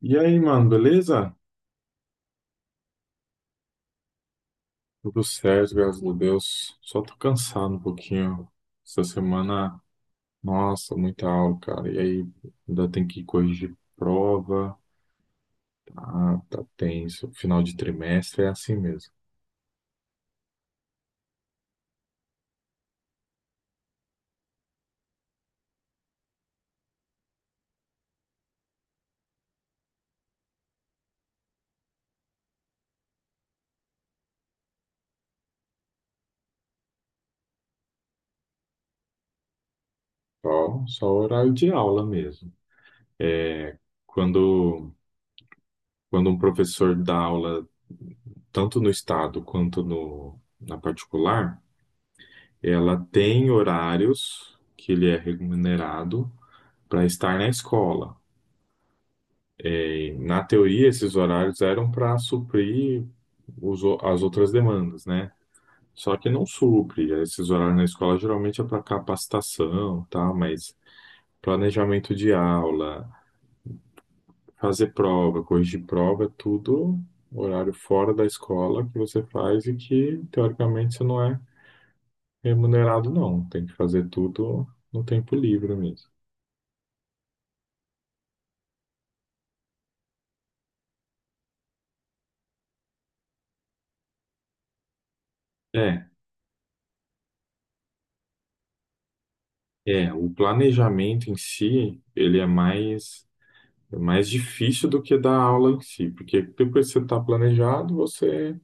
E aí, mano, beleza? Tudo certo, graças a Deus. Só tô cansado um pouquinho. Essa semana, nossa, muita aula, cara. E aí, ainda tem que corrigir prova. Ah, tá tenso. Final de trimestre é assim mesmo. Só horário de aula mesmo. Quando, quando um professor dá aula, tanto no estado quanto no, na particular, ela tem horários que ele é remunerado para estar na escola. Na teoria, esses horários eram para suprir as outras demandas, né? Só que não supre. Esses horários na escola geralmente é para capacitação, tá? Mas planejamento de aula, fazer prova, corrigir prova, é tudo horário fora da escola que você faz e que, teoricamente, você não é remunerado, não. Tem que fazer tudo no tempo livre mesmo. É, o planejamento em si, ele é mais é mais difícil do que dar aula em si, porque depois que você está planejado, você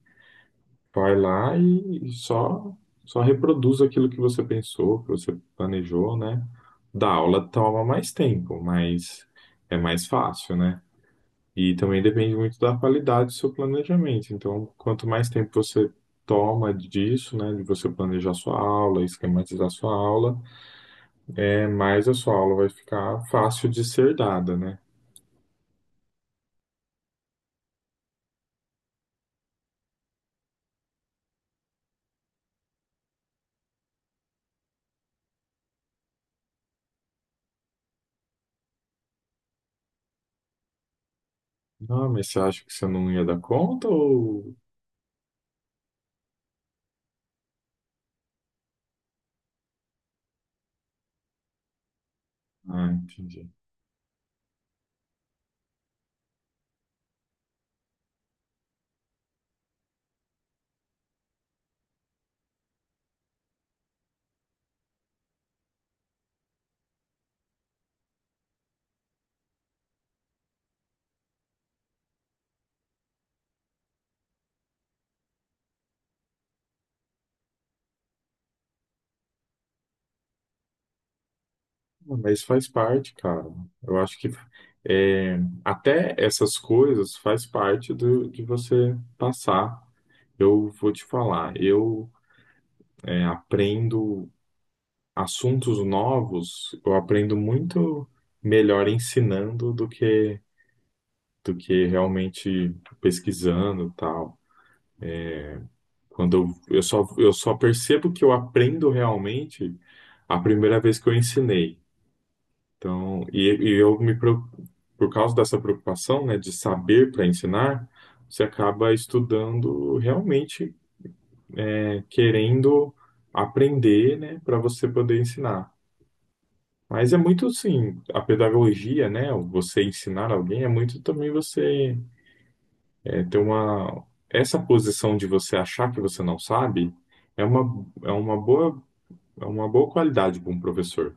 vai lá e só reproduz aquilo que você pensou, que você planejou, né? Da aula toma mais tempo, mas é mais fácil, né? E também depende muito da qualidade do seu planejamento. Então, quanto mais tempo você toma disso, né, de você planejar sua aula, esquematizar sua aula, é mais a sua aula vai ficar fácil de ser dada, né? Não, mas você acha que você não ia dar conta ou… Ah, entendi. Não, mas faz parte, cara. Eu acho que é, até essas coisas faz parte do, de você passar. Eu vou te falar, eu aprendo assuntos novos, eu aprendo muito melhor ensinando do que realmente pesquisando e tal. Quando eu só percebo que eu aprendo realmente a primeira vez que eu ensinei. Então, eu por causa dessa preocupação, né, de saber para ensinar, você acaba estudando realmente, né, querendo aprender, né, para você poder ensinar. Mas é muito assim, a pedagogia, né, você ensinar alguém é muito também você ter uma essa posição de você achar que você não sabe é uma é uma boa qualidade para um professor.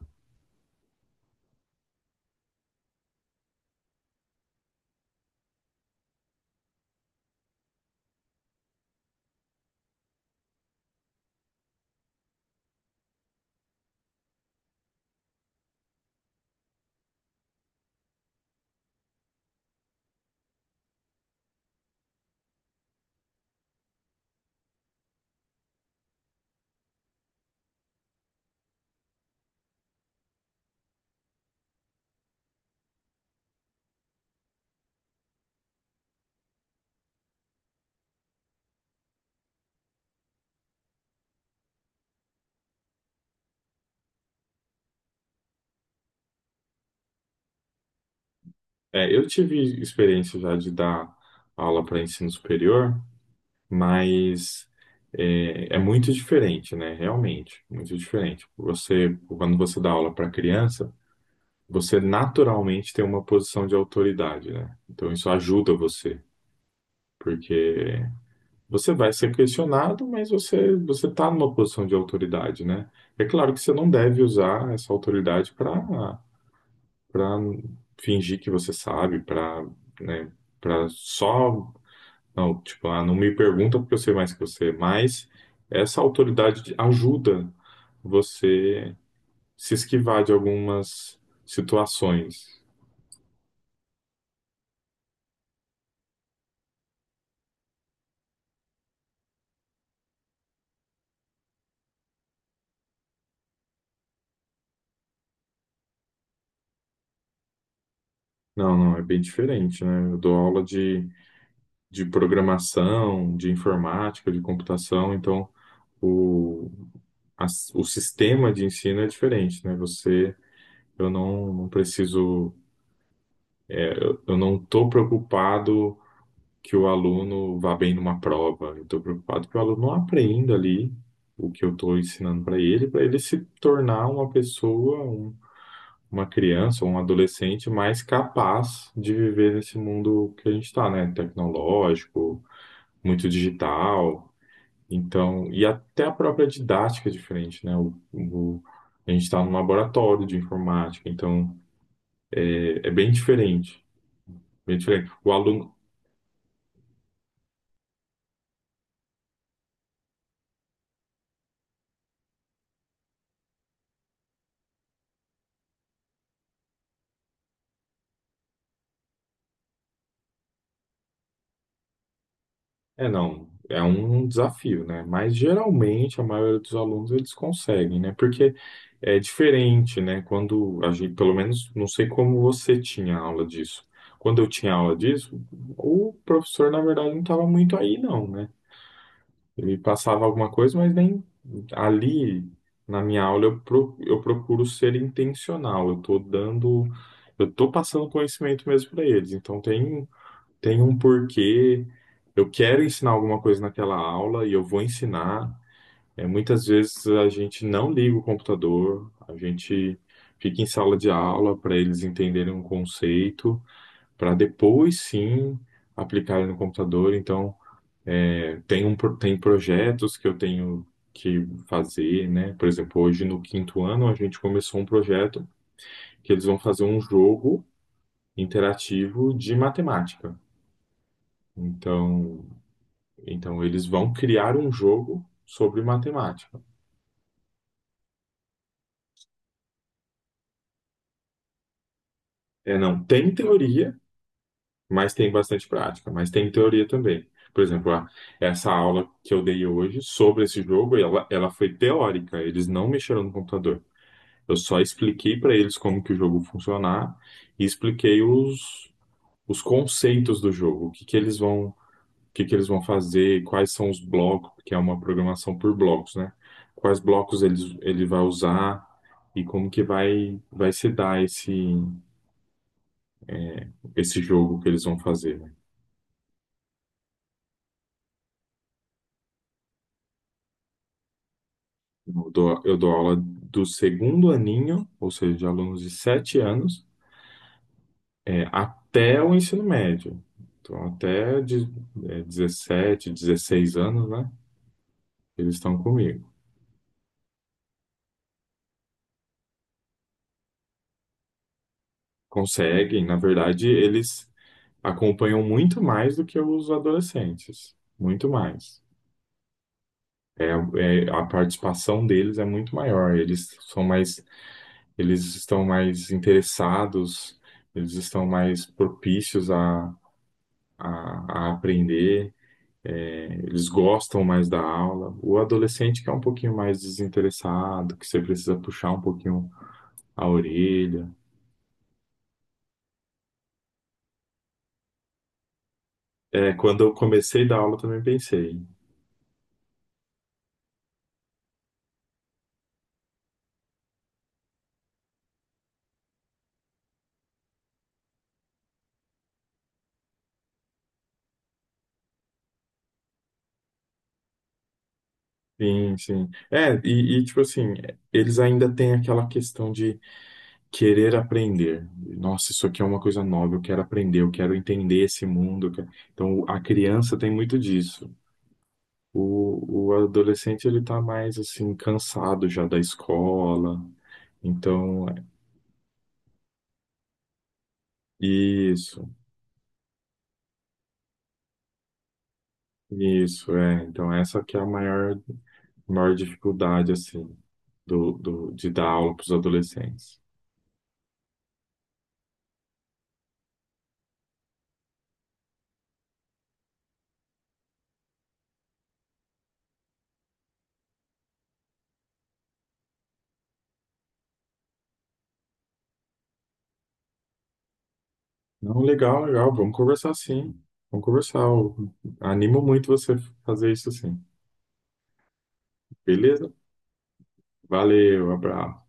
É, eu tive experiência já de dar aula para ensino superior, mas é muito diferente, né? Realmente, muito diferente. Você, quando você dá aula para criança, você naturalmente tem uma posição de autoridade, né? Então isso ajuda você, porque você vai ser questionado, mas você está numa posição de autoridade, né? É claro que você não deve usar essa autoridade para fingir que você sabe, para, né, para só não, tipo, ah, não me pergunta porque eu sei mais que você, mas essa ajuda você se esquivar de algumas situações. Não, não, é bem diferente, né? Eu dou aula de programação, de informática, de computação, então o, o sistema de ensino é diferente, né? Você, eu não, não preciso, eu não estou preocupado que o aluno vá bem numa prova. Eu estou preocupado que o aluno não aprenda ali o que eu estou ensinando para ele se tornar uma criança, um adolescente mais capaz de viver nesse mundo que a gente está, né? Tecnológico, muito digital. Então, e até a própria didática é diferente, né? A gente está num laboratório de informática, então é bem diferente. Bem diferente. O aluno, é, não, é um desafio, né? Mas geralmente a maioria dos alunos eles conseguem, né? Porque é diferente, né? Quando a gente, pelo menos, não sei como você tinha aula disso. Quando eu tinha aula disso, o professor, na verdade, não estava muito aí, não, né? Ele passava alguma coisa, mas nem ali na minha aula eu procuro ser intencional. Eu tô passando conhecimento mesmo para eles. Então tem um porquê. Eu quero ensinar alguma coisa naquela aula e eu vou ensinar. É, muitas vezes a gente não liga o computador, a gente fica em sala de aula para eles entenderem um conceito, para depois sim aplicarem no computador. Então, tem projetos que eu tenho que fazer, né? Por exemplo, hoje no 5º ano a gente começou um projeto que eles vão fazer um jogo interativo de matemática. Então, então, eles vão criar um jogo sobre matemática. É, não tem teoria, mas tem bastante prática, mas tem teoria também. Por exemplo, essa aula que eu dei hoje sobre esse jogo, ela foi teórica, eles não mexeram no computador. Eu só expliquei para eles como que o jogo funcionar e expliquei os conceitos do jogo, o que que eles vão fazer, quais são os blocos, porque é uma programação por blocos, né? Quais blocos ele vai usar e como que vai se dar esse jogo que eles vão fazer, né? Eu dou aula do segundo aninho, ou seja, de alunos de 7 anos, é, até o ensino médio. Então, até de, é, 17, 16 anos, né? Eles estão comigo. Conseguem, na verdade, eles acompanham muito mais do que os adolescentes, muito mais. É, a participação deles é muito maior. Eles são mais, eles estão mais interessados, eles estão mais propícios a aprender. É, eles gostam mais da aula. O adolescente que é um pouquinho mais desinteressado, que você precisa puxar um pouquinho a orelha. É, quando eu comecei a dar aula, eu também pensei. Sim, sim. É, tipo assim, eles ainda têm aquela questão de querer aprender. Nossa, isso aqui é uma coisa nova, eu quero aprender, eu quero entender esse mundo. Então, a criança tem muito disso. O adolescente, ele tá mais, assim, cansado já da escola. Então, isso, isso, é. Então, essa que é a maior dificuldade, assim, de dar aula para os adolescentes. Não, legal, legal. Vamos conversar sim. Vamos conversar. Eu animo muito você fazer isso sim. Beleza? Valeu, abraço.